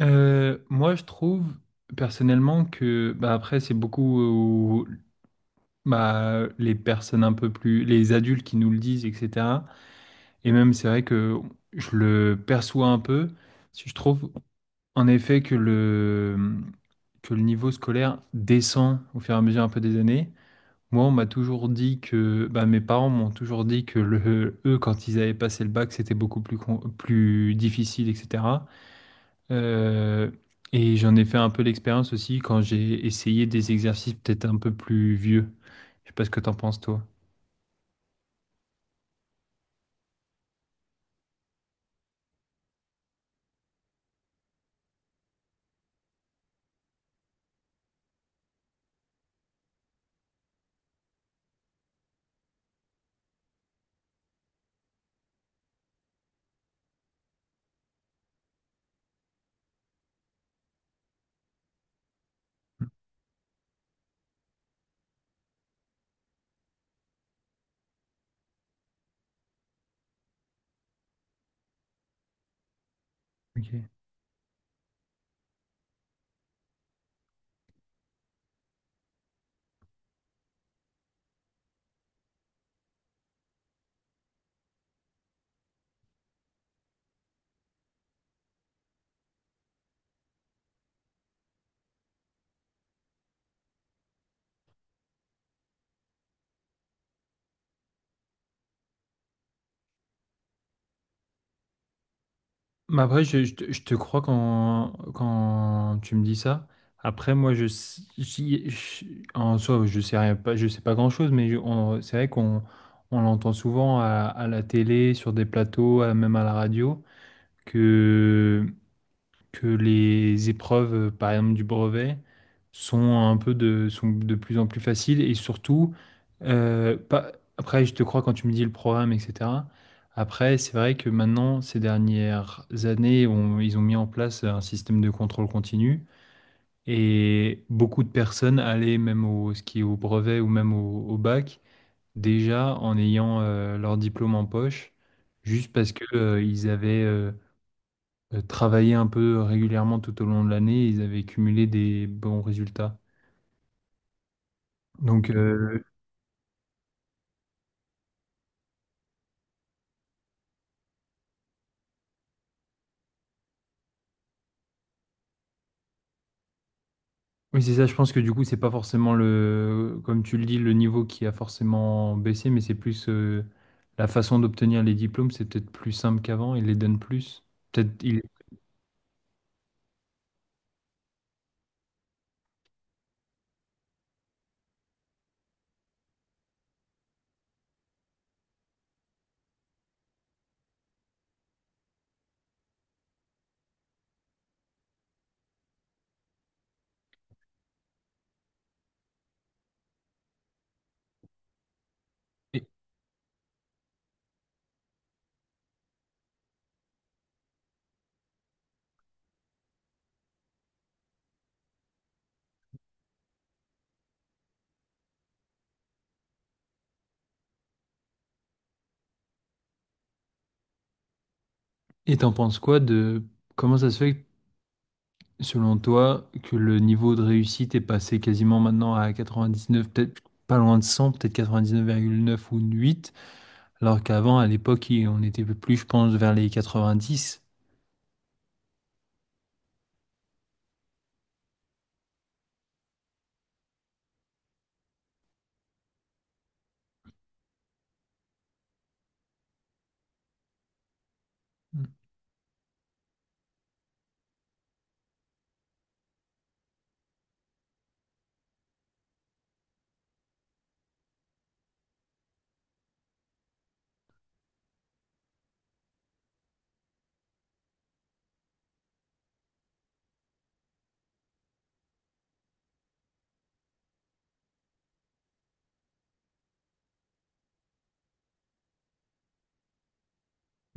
Moi, je trouve personnellement que, bah, après, c'est beaucoup bah, les personnes un peu plus, les adultes qui nous le disent, etc. Et même, c'est vrai que je le perçois un peu. Si je trouve, en effet, que le niveau scolaire descend au fur et à mesure un peu des années. Moi, on m'a toujours dit que, bah, mes parents m'ont toujours dit que eux, quand ils avaient passé le bac, c'était beaucoup plus, plus difficile, etc. Euh, et j'en ai fait un peu l'expérience aussi quand j'ai essayé des exercices peut-être un peu plus vieux. Je sais pas ce que t'en penses, toi. Ok. Mais après, je te crois quand tu me dis ça. Après, moi, je, s- j'y- je- en soi, je sais rien, pas, je sais pas grand-chose, mais c'est vrai qu'on on l'entend souvent à la télé, sur des plateaux, même à la radio, que que les épreuves, par exemple, du brevet, sont sont de plus en plus faciles et surtout, pas, après, je te crois quand tu me dis le programme, etc. Après, c'est vrai que maintenant, ces dernières années, ils ont mis en place un système de contrôle continu et beaucoup de personnes allaient même au ski, au brevet ou même au bac, déjà en ayant leur diplôme en poche, juste parce que ils avaient travaillaient un peu régulièrement tout au long de l'année, ils avaient cumulé des bons résultats. Donc euh, oui, c'est ça, je pense que du coup, c'est pas forcément le, comme tu le dis, le niveau qui a forcément baissé, mais c'est plus la façon d'obtenir les diplômes, c'est peut-être plus simple qu'avant, ils les donnent plus. Peut-être il... Et t'en penses quoi de comment ça se fait, selon toi, que le niveau de réussite est passé quasiment maintenant à quatre-vingt-dix-neuf neuf peut-être pas loin de cent, peut-être quatre-vingt-dix-neuf virgule neuf ou huit. Alors qu'avant, à l'époque, on était plus, je pense, vers les 90. Mm,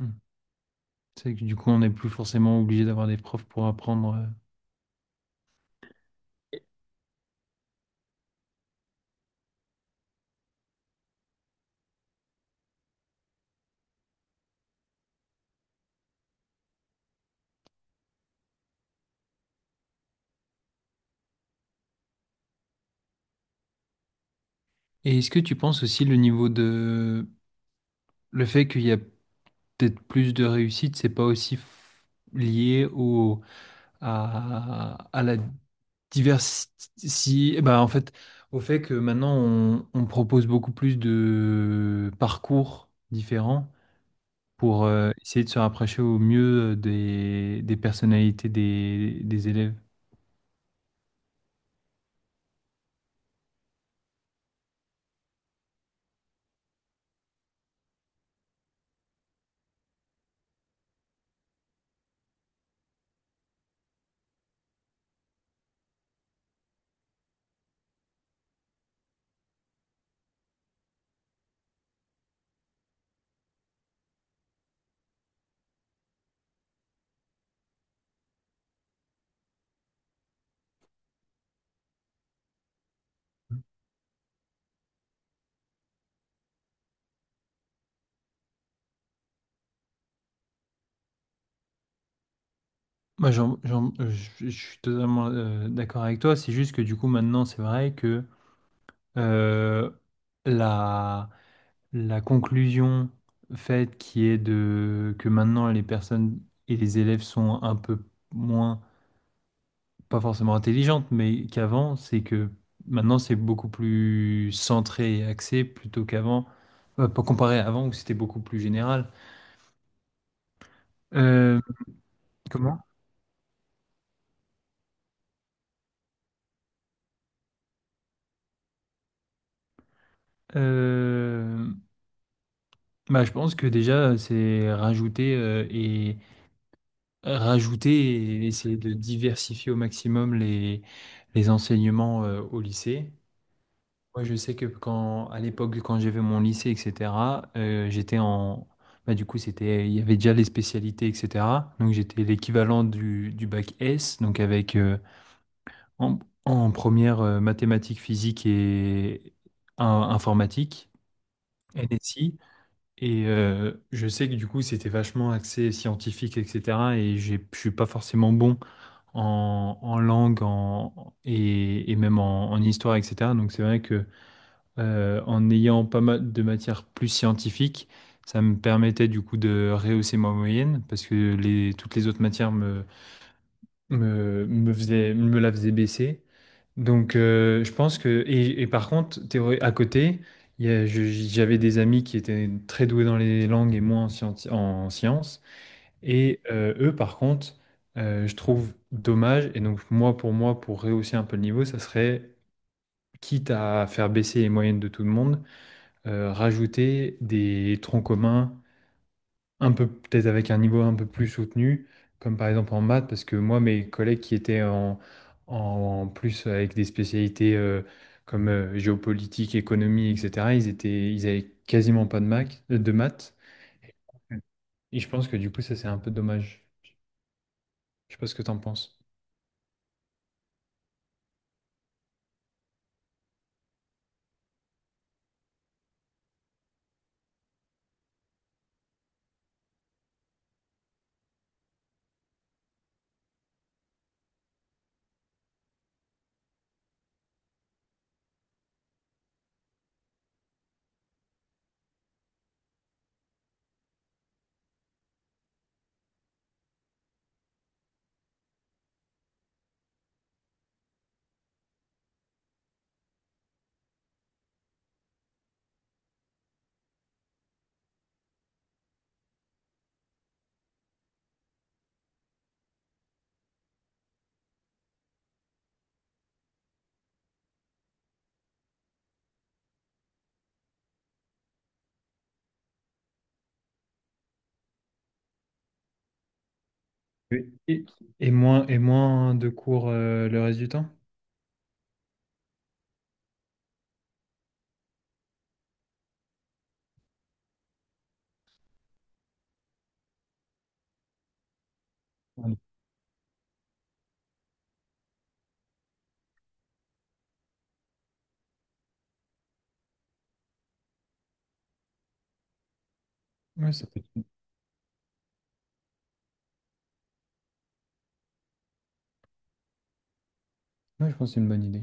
mm. C'est que du coup, on n'est plus forcément obligé d'avoir des profs pour apprendre. Et est-ce que tu penses aussi le niveau de... Le fait qu'il y a peut-être plus de réussite, c'est pas aussi lié au... à la diversité... Bah, en fait, au fait que maintenant, on propose beaucoup plus de parcours différents pour essayer de se rapprocher au mieux des personnalités des élèves. Moi, je suis totalement d'accord avec toi. C'est juste que du coup, maintenant, c'est vrai que euh, la, la conclusion faite qui est de que maintenant les personnes et les élèves sont un peu moins, pas forcément intelligentes, mais qu'avant, c'est que maintenant c'est beaucoup plus centré et axé plutôt qu'avant, pas comparé à avant où c'était beaucoup plus général. Euh, Comment? Euh, Bah, je pense que déjà, c'est rajouter rajouter et essayer de diversifier au maximum les enseignements au lycée. Moi, je sais que quand, à l'époque, quand j'avais mon lycée, etc., euh, j'étais en, bah, du coup, c'était, il y avait déjà les spécialités, etc. Donc, j'étais l'équivalent du bac S, donc avec en, en première mathématiques, physique et informatique, NSI. Et je sais que du coup, c'était vachement axé scientifique, etc. Et je suis pas forcément bon en langue et même en histoire, etc. Donc c'est vrai que en ayant pas mal de matières plus scientifiques, ça me permettait du coup de rehausser ma moyenne parce que toutes les autres matières me la faisaient baisser. Donc, je pense que. Et par contre, théorie, à côté, il y a- je- j'avais des amis qui étaient très doués dans les langues et moi en sciences. Et eux, par contre, je trouve dommage. Et donc, moi, pour rehausser un peu le niveau, ça serait, quitte à faire baisser les moyennes de tout le monde, rajouter des troncs communs un peu peut-être avec un niveau un peu plus soutenu, comme par exemple en maths, parce que moi, mes collègues qui étaient en plus avec des spécialités comme géopolitique, économie, etc., ils avaient quasiment pas de maths, de maths. Et je pense que du coup, ça, c'est un peu dommage. Je sais pas ce que t'en penses. Oui. Et moins de cours le reste du temps? Oui, Ouais, ouais, je pense que c'est une bonne idée.